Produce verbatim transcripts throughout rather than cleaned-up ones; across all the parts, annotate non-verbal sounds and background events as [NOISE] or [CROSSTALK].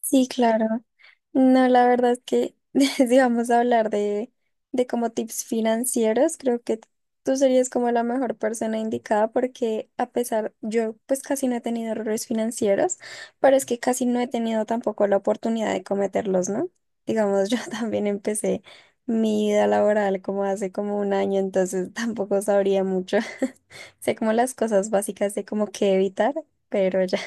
Sí, claro. No, la verdad es que [LAUGHS] si vamos a hablar de, de como tips financieros, creo que tú serías como la mejor persona indicada porque a pesar, yo pues casi no he tenido errores financieros, pero es que casi no he tenido tampoco la oportunidad de cometerlos, ¿no? Digamos, [LAUGHS] yo también empecé mi vida laboral como hace como un año, entonces tampoco sabría mucho. [LAUGHS] Sé como las cosas básicas de como qué evitar, pero ya.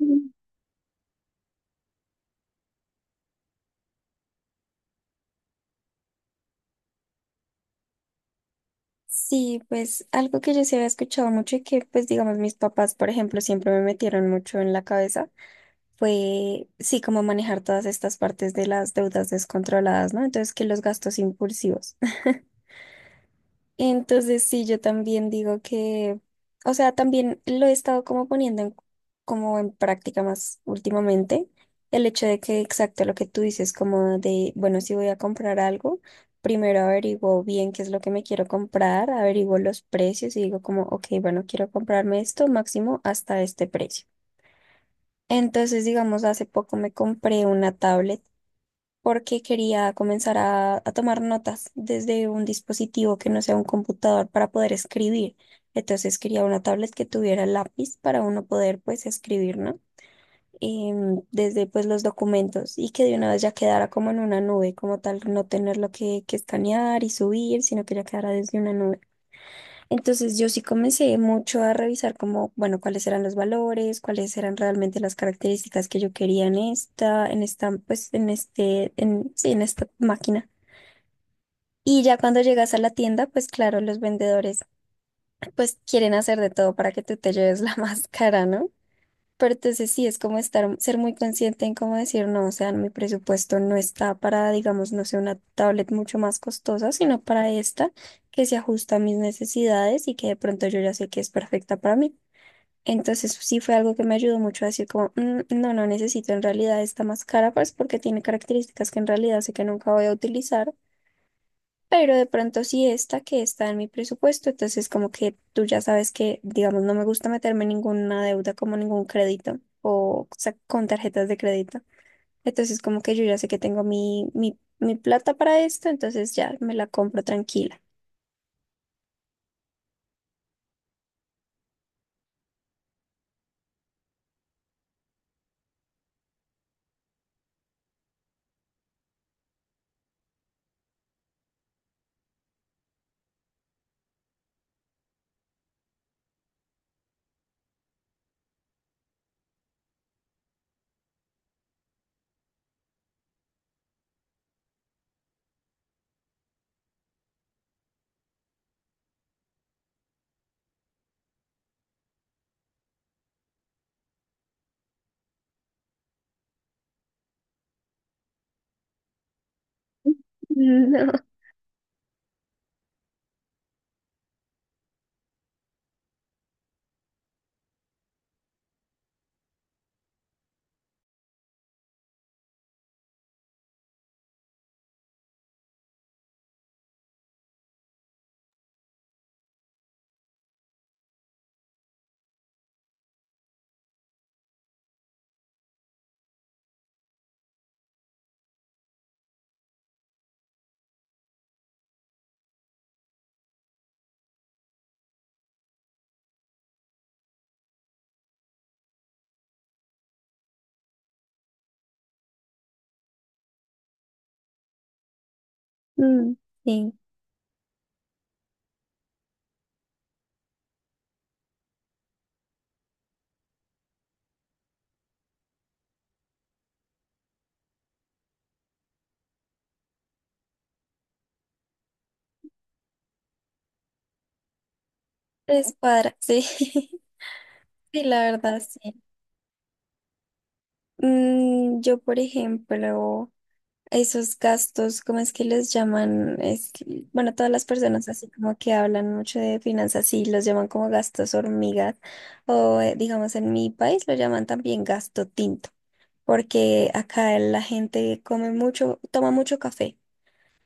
Mm. Sí, pues algo que yo sí había escuchado mucho y que pues digamos mis papás, por ejemplo, siempre me metieron mucho en la cabeza fue, sí, como manejar todas estas partes de las deudas descontroladas, ¿no? Entonces, que los gastos impulsivos. Entonces sí, yo también digo que, o sea, también lo he estado como poniendo en, como en práctica más últimamente, el hecho de que exacto lo que tú dices, como de, bueno, si voy a comprar algo, primero averiguo bien qué es lo que me quiero comprar, averiguo los precios y digo como, ok, bueno, quiero comprarme esto máximo hasta este precio. Entonces, digamos, hace poco me compré una tablet porque quería comenzar a, a tomar notas desde un dispositivo que no sea un computador para poder escribir. Entonces quería una tablet que tuviera lápiz para uno poder pues escribir, ¿no? Em, desde pues los documentos y que de una vez ya quedara como en una nube, como tal, no tenerlo que, que escanear y subir, sino que ya quedara desde una nube. Entonces yo sí comencé mucho a revisar como, bueno, cuáles eran los valores, cuáles eran realmente las características que yo quería en esta, en esta, pues en este, en, sí, en esta máquina. Y ya cuando llegas a la tienda, pues claro, los vendedores pues quieren hacer de todo para que tú te lleves la [LAUGHS] máscara, ¿no? Pero entonces sí, es como estar, ser muy consciente en cómo decir, no, o sea, mi presupuesto no está para, digamos, no sé, una tablet mucho más costosa, sino para esta que se ajusta a mis necesidades y que de pronto yo ya sé que es perfecta para mí. Entonces sí fue algo que me ayudó mucho a decir como, "Mm, no, no necesito en realidad esta más cara, pues porque tiene características que en realidad sé que nunca voy a utilizar pero de pronto sí esta que está en mi presupuesto", entonces como que tú ya sabes que, digamos, no me gusta meterme en ninguna deuda como ningún crédito o, sa- con tarjetas de crédito. Entonces como que yo ya sé que tengo mi, mi, mi plata para esto, entonces ya me la compro tranquila. [LAUGHS] No. Mm, sí, es cuadra, sí, [LAUGHS] sí, la verdad, sí. Mm, yo, por ejemplo... esos gastos, ¿cómo es que los llaman? Es, que- bueno, todas las personas así como que hablan mucho de finanzas, sí, los llaman como gastos hormigas o eh, digamos en mi país lo llaman también gasto tinto, porque acá la gente come mucho, toma mucho café.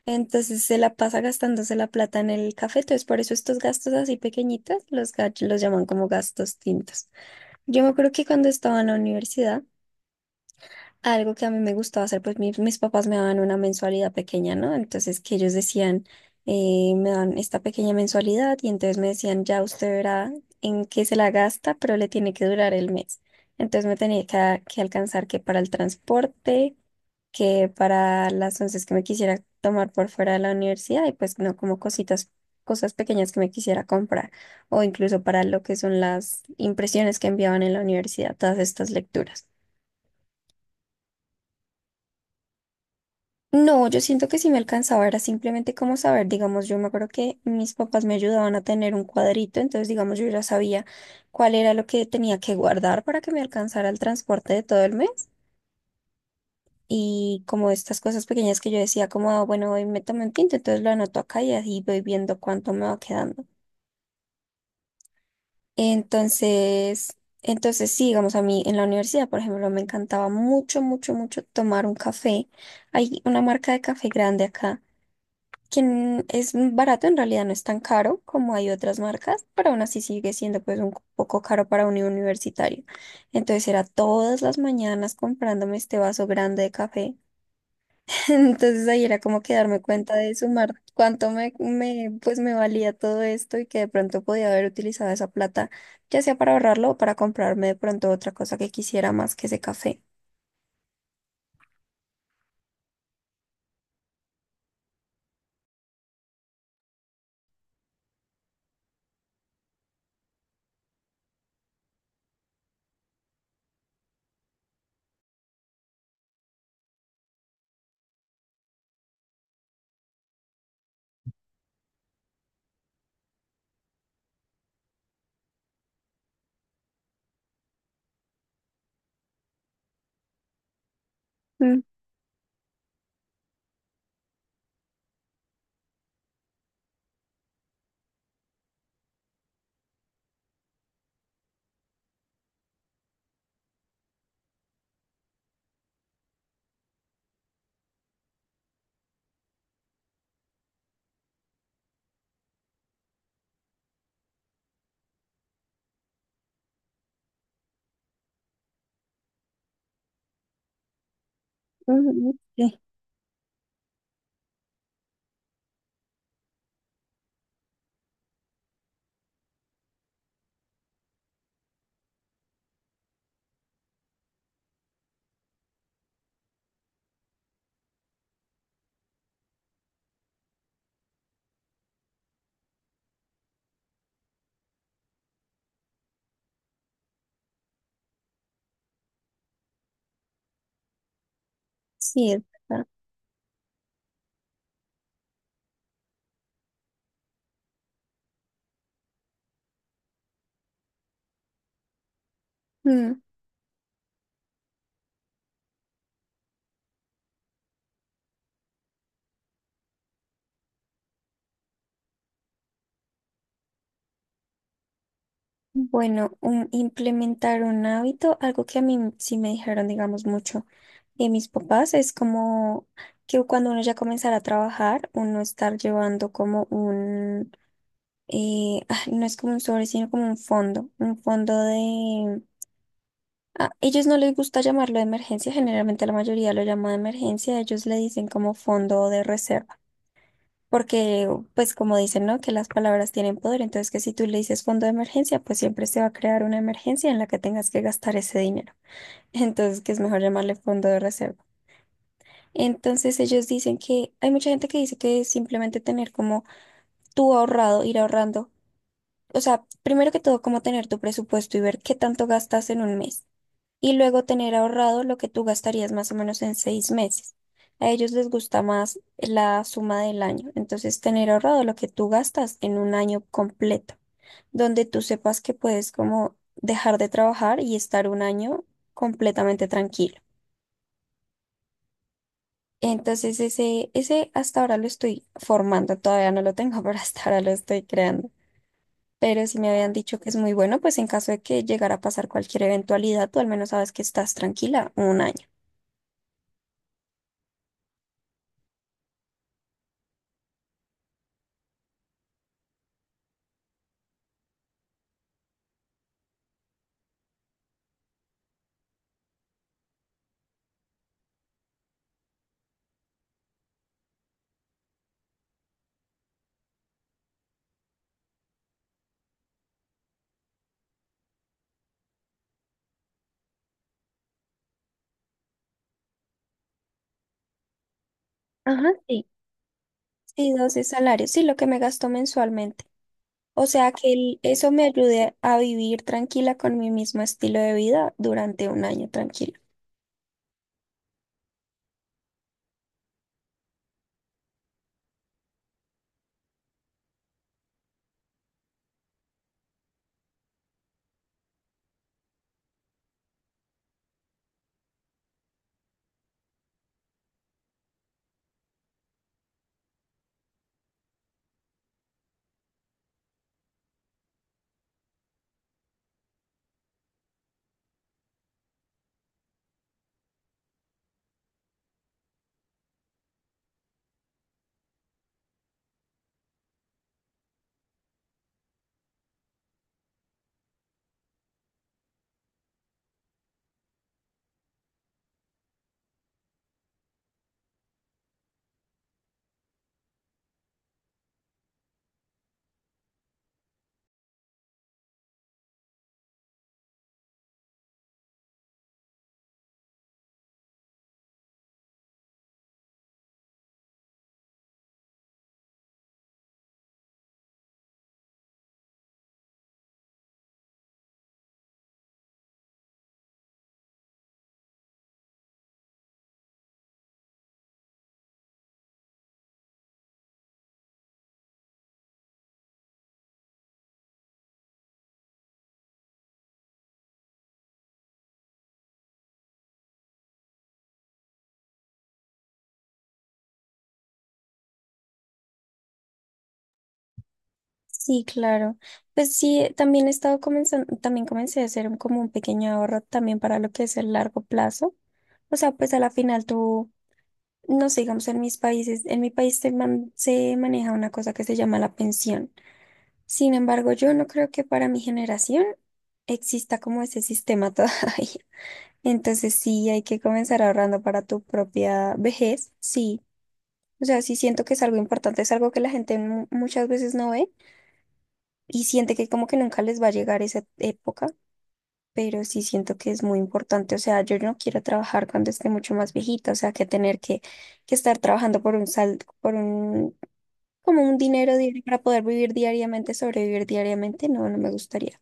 Entonces se la pasa gastándose la plata en el café, entonces por eso estos gastos así pequeñitos los, ga- los llaman como gastos tintos. Yo me acuerdo que cuando estaba en la universidad, algo que a mí me gustaba hacer, pues mi- mis papás me daban una mensualidad pequeña, ¿no? Entonces que ellos decían, eh, me dan esta pequeña mensualidad y entonces me decían, ya usted verá en qué se la gasta, pero le tiene que durar el mes. Entonces me tenía que, que alcanzar que para el transporte, que para las onces que me quisiera tomar por fuera de la universidad y pues no como cositas, cosas pequeñas que me quisiera comprar o incluso para lo que son las impresiones que enviaban en la universidad, todas estas lecturas. No, yo siento que sí me alcanzaba, era simplemente como saber, digamos, yo me acuerdo que mis papás me ayudaban a tener un cuadrito, entonces, digamos, yo ya sabía cuál era lo que tenía que guardar para que me alcanzara el transporte de todo el mes y como estas cosas pequeñas que yo decía, como, "Ah, bueno, hoy me tomé un tinto, entonces lo anoto acá y así voy viendo cuánto me va quedando". Entonces, entonces sí, digamos, a mí en la universidad, por ejemplo, me encantaba mucho, mucho, mucho tomar un café. Hay una marca de café grande acá quien es barato, en realidad no es tan caro como hay otras marcas, pero aún así sigue siendo pues un poco caro para un universitario. Entonces era todas las mañanas comprándome este vaso grande de café. [LAUGHS] Entonces ahí era como que darme cuenta de sumar cuánto me, me, pues me valía todo esto y que de pronto podía haber utilizado esa plata, ya sea para ahorrarlo o para comprarme de pronto otra cosa que quisiera más que ese café. Mm, ujú, sí, sí, es verdad. Bueno, un- implementar un hábito, algo que a mí sí me dijeron, digamos, mucho de mis papás, es como que cuando uno ya comenzara a trabajar, uno estar llevando como un, eh, ay, no es como un sobre, sino como un fondo, un fondo de... A ellos no les gusta llamarlo de emergencia, generalmente la mayoría lo llama de emergencia, ellos le dicen como fondo de reserva. Porque, pues como dicen, ¿no? Que las palabras tienen poder, entonces que si tú le dices fondo de emergencia, pues siempre se va a crear una emergencia en la que tengas que gastar ese dinero. [LAUGHS] Entonces, que es mejor llamarle fondo de reserva. Entonces, ellos dicen que hay mucha gente que dice que es simplemente tener como tú ahorrado, ir ahorrando. O sea, primero que todo, como tener tu presupuesto y ver qué tanto gastas en un mes y luego tener ahorrado lo que tú gastarías más o menos en seis meses. A ellos les gusta más la suma del año, entonces tener ahorrado lo que tú gastas en un año completo, donde tú sepas que puedes como dejar de trabajar y estar un año completamente tranquilo. Entonces ese, ese hasta ahora lo estoy formando, todavía no lo tengo, [LAUGHS] pero hasta ahora lo estoy creando. Pero si me habían dicho que es muy bueno, pues en caso de que llegara a pasar cualquier eventualidad, tú al menos sabes que estás tranquila un año. Ajá, sí. Sí, doce salarios, sí, lo que me gasto mensualmente. O sea que el- eso me ayude a vivir tranquila con mi mismo estilo de vida durante un año tranquilo. Sí, claro. Pues sí, también he estado comenzando, también comencé a hacer un- como un pequeño ahorro también para lo que es el largo plazo. O sea, pues a la final tú, no sé, digamos en mis países, en mi país se, man- se maneja una cosa que se llama la pensión. Sin embargo, yo no creo que para mi generación exista como ese sistema [LAUGHS] todavía. Entonces sí, hay que comenzar ahorrando para tu propia vejez, sí. O sea, sí siento que es algo importante, es algo que la gente mu- muchas veces no ve y siente que como que nunca les va a llegar esa época, pero sí siento que es muy importante. O sea, yo no quiero trabajar cuando esté mucho más viejita, o sea, que tener que, que estar trabajando por un sal, por un, como un dinero diario para poder vivir diariamente, sobrevivir diariamente, no, no me gustaría.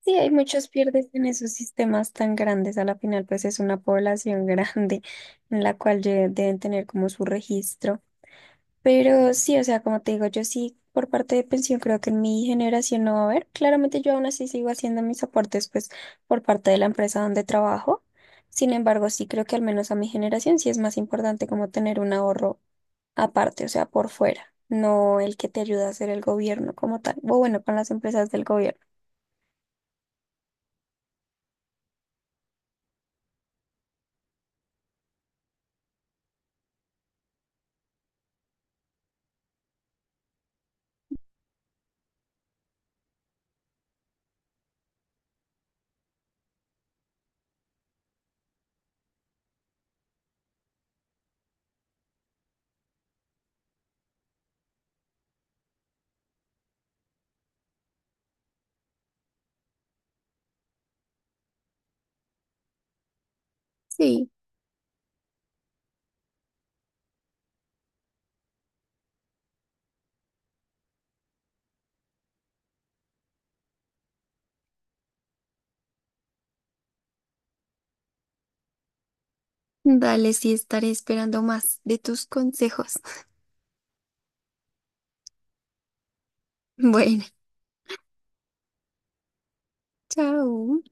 Sí, hay muchos pierdes en esos sistemas tan grandes. A la final, pues es una población [LAUGHS] grande en la cual lle- deben tener como su registro. Pero sí, o sea, como te digo, yo sí por parte de pensión creo que en mi generación no va a haber. Claramente yo aún así sigo haciendo mis aportes pues por parte de la empresa donde trabajo. Sin embargo, sí creo que al menos a mi generación sí es más importante como tener un ahorro aparte, o sea, por fuera, no el que te ayuda a hacer el gobierno como tal, o bueno, con las empresas del gobierno. Sí. Dale, sí, estaré esperando más de tus consejos. [LAUGHS] Bueno, chao.